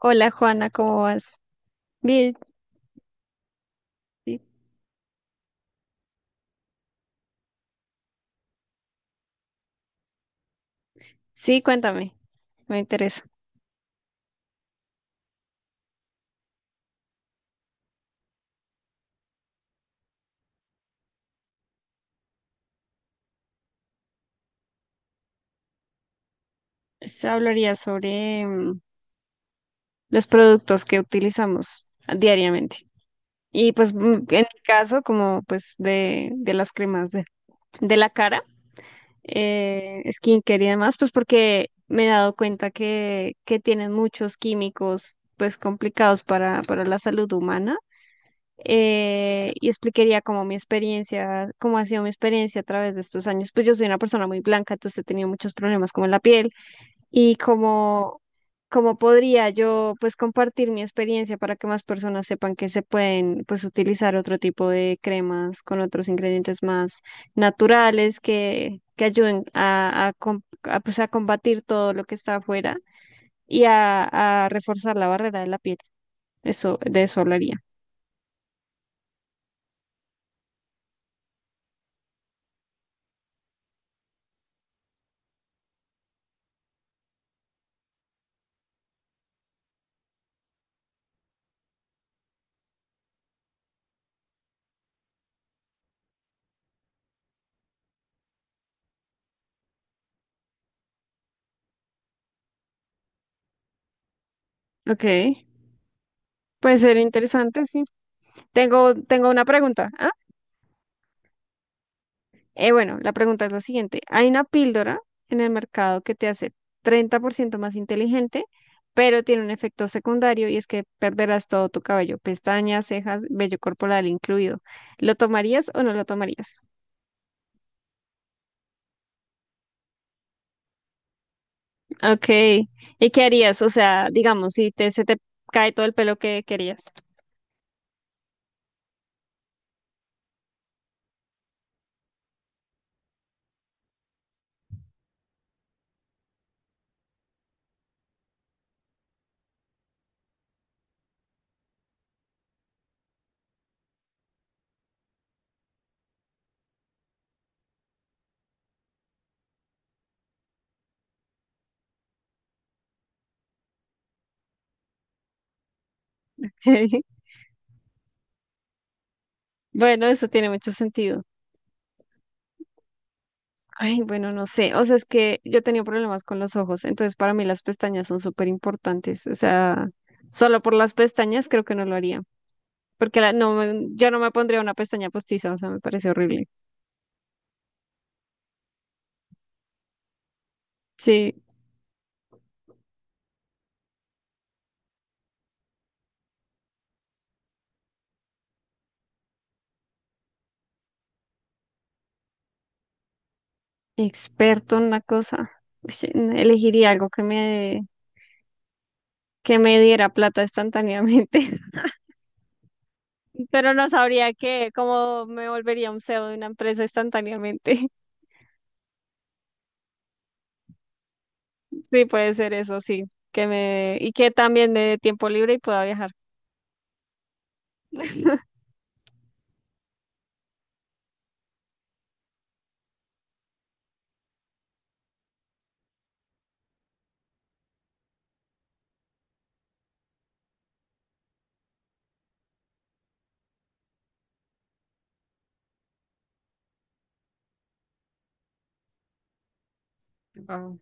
Hola Juana, ¿cómo vas? Bien, sí. Sí, cuéntame, me interesa. Se hablaría sobre los productos que utilizamos diariamente. Y pues en mi caso, como pues de las cremas de la cara, skincare y demás, pues porque me he dado cuenta que tienen muchos químicos pues complicados para la salud humana. Y explicaría cómo mi experiencia, cómo ha sido mi experiencia a través de estos años. Pues yo soy una persona muy blanca, entonces he tenido muchos problemas con la piel y cómo, cómo podría yo pues compartir mi experiencia para que más personas sepan que se pueden pues utilizar otro tipo de cremas con otros ingredientes más naturales que ayuden a pues, a combatir todo lo que está afuera y a reforzar la barrera de la piel. Eso, de eso hablaría. Ok. Puede ser interesante, sí. Tengo una pregunta. Bueno, la pregunta es la siguiente. Hay una píldora en el mercado que te hace 30% más inteligente, pero tiene un efecto secundario y es que perderás todo tu cabello, pestañas, cejas, vello corporal incluido. ¿Lo tomarías o no lo tomarías? Ok. ¿Y qué harías? O sea, digamos, si te, se te cae todo el pelo que querías. Bueno, eso tiene mucho sentido. Ay, bueno, no sé. O sea, es que yo he tenido problemas con los ojos, entonces para mí las pestañas son súper importantes. O sea, solo por las pestañas creo que no lo haría, porque yo no me pondría una pestaña postiza, o sea, me parece horrible. Sí, experto en una cosa. Uy, sí, elegiría algo que me diera plata instantáneamente, pero no sabría qué, cómo me volvería un CEO de una empresa instantáneamente. Sí, puede ser eso, sí. Que me, y que también me dé tiempo libre y pueda viajar. Wow.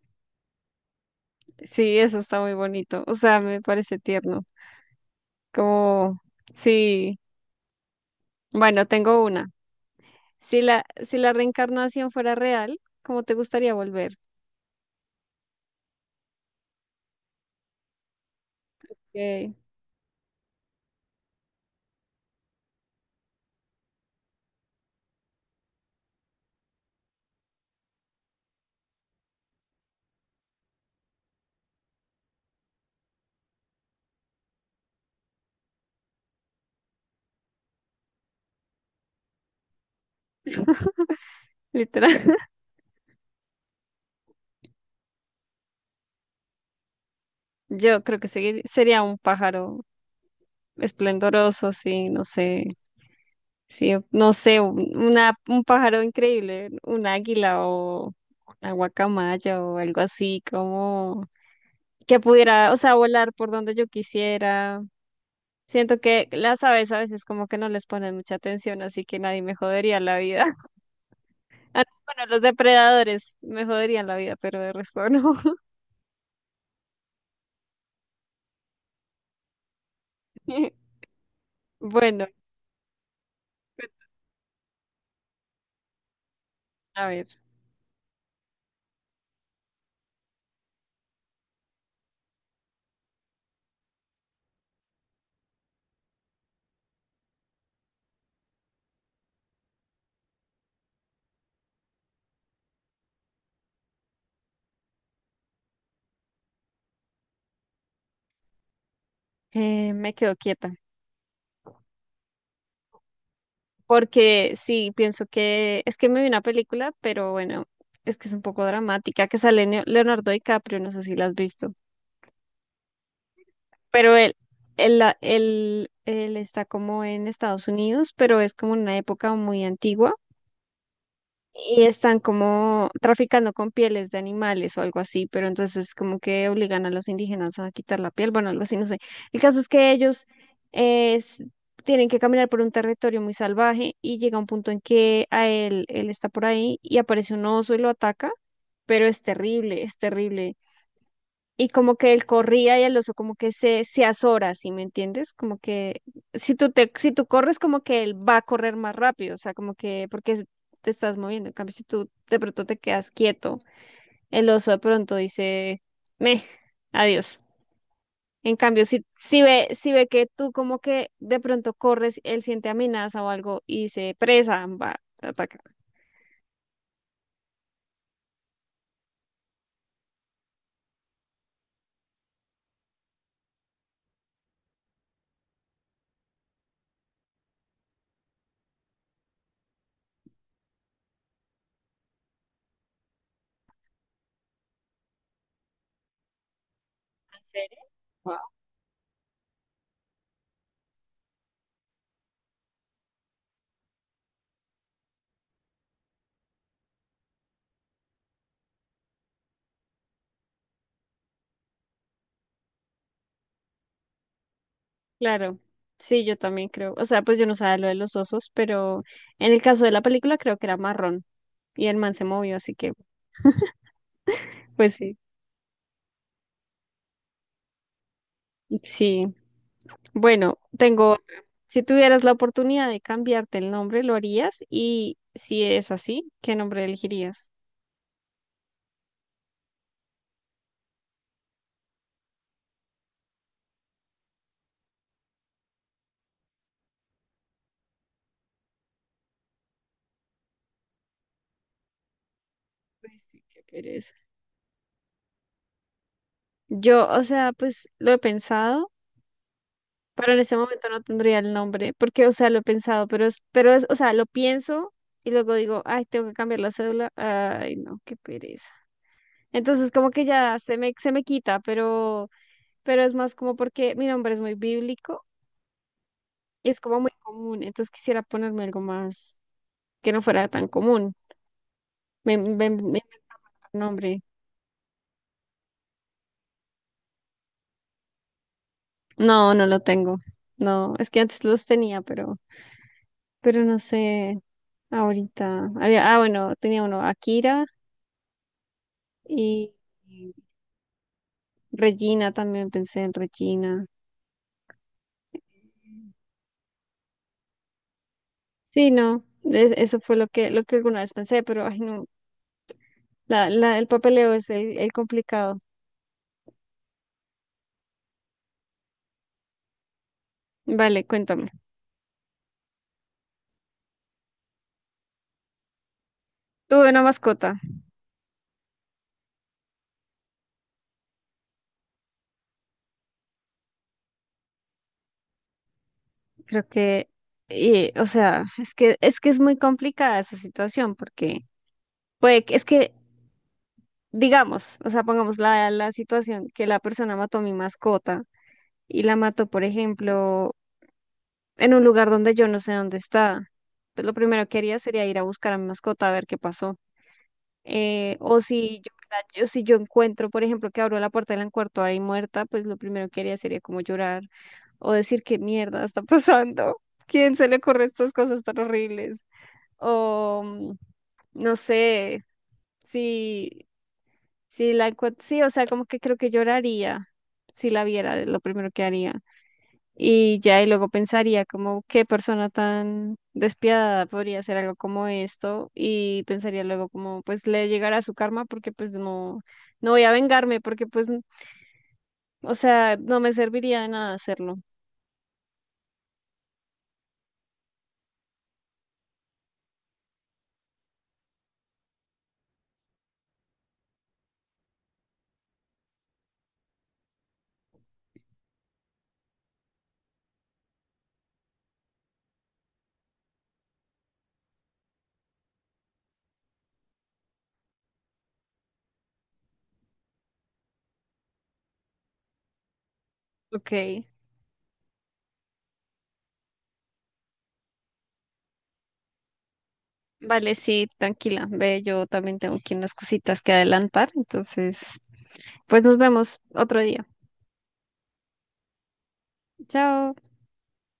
Sí, eso está muy bonito. O sea, me parece tierno. Como, sí, bueno, tengo una. Si la reencarnación fuera real, ¿cómo te gustaría volver? Ok. Literal. Yo creo que sería un pájaro esplendoroso, sí, no sé. Sí, no sé, un pájaro increíble, un águila o una guacamaya o algo así, como que pudiera, o sea, volar por donde yo quisiera. Siento que las aves a veces como que no les ponen mucha atención, así que nadie me jodería la vida. Ah, bueno, los depredadores me joderían la vida, pero de resto no. Bueno, a ver, me quedo quieta, porque sí, pienso que es que me vi una película, pero bueno, es que es un poco dramática, que sale Leonardo DiCaprio, no sé si la has visto, pero él está como en Estados Unidos, pero es como en una época muy antigua y están como traficando con pieles de animales o algo así, pero entonces como que obligan a los indígenas a quitar la piel, bueno, algo así, no sé. El caso es que ellos eh, s- tienen que caminar por un territorio muy salvaje y llega un punto en que a él, él está por ahí y aparece un oso y lo ataca, pero es terrible y como que él corría y el oso como que se azora, ¿sí me entiendes? Como que si tú corres, como que él va a correr más rápido, o sea, como que te estás moviendo. En cambio, si tú de pronto te quedas quieto, el oso de pronto dice, meh, adiós. En cambio, si ve, si ve que tú como que de pronto corres, él siente amenaza o algo y dice, presa, va, te ataca. ¿En serio? Claro, sí, yo también creo. O sea, pues yo no sabía lo de los osos, pero en el caso de la película creo que era marrón y el man se movió, así que, pues sí. Sí, bueno, tengo, otra. Si tuvieras la oportunidad de cambiarte el nombre, ¿lo harías? Y si es así, ¿qué nombre elegirías? Pues sí, qué pereza. Yo, o sea, pues lo he pensado, pero en ese momento no tendría el nombre, porque, o sea, lo he pensado, pero es, o sea, lo pienso y luego digo, ay, tengo que cambiar la cédula. Ay, no, qué pereza. Entonces como que ya se me quita, pero es más como porque mi nombre es muy bíblico y es como muy común. Entonces quisiera ponerme algo más que no fuera tan común. Me invento un nombre. No, no lo tengo. No, es que antes los tenía, pero no sé ahorita. Había, ah, bueno, tenía uno, Akira y y Regina, también pensé en Regina. Sí, no, eso fue lo que alguna vez pensé, pero ay no, el papeleo es el complicado. Vale, cuéntame. Tuve una mascota. Creo que, y, o sea, es que es muy complicada esa situación porque puede que, es que, digamos, o sea, pongamos la situación que la persona mató a mi mascota y la mató, por ejemplo, en un lugar donde yo no sé dónde está. Pues lo primero que haría sería ir a buscar a mi mascota a ver qué pasó. O si yo, si yo encuentro, por ejemplo, que abro la puerta y la ahí muerta, pues lo primero que haría sería como llorar o decir qué mierda está pasando, quién se le ocurre estas cosas tan horribles, o no sé, si, si la encuentro, sí, o sea, como que creo que lloraría si la viera, es lo primero que haría. Y ya, y luego pensaría como qué persona tan despiadada podría hacer algo como esto y pensaría luego como pues le llegará su karma porque pues no, no voy a vengarme porque o sea, no me serviría de nada hacerlo. Ok, vale, sí, tranquila, ve, yo también tengo aquí unas cositas que adelantar, entonces pues nos vemos otro día. Chao.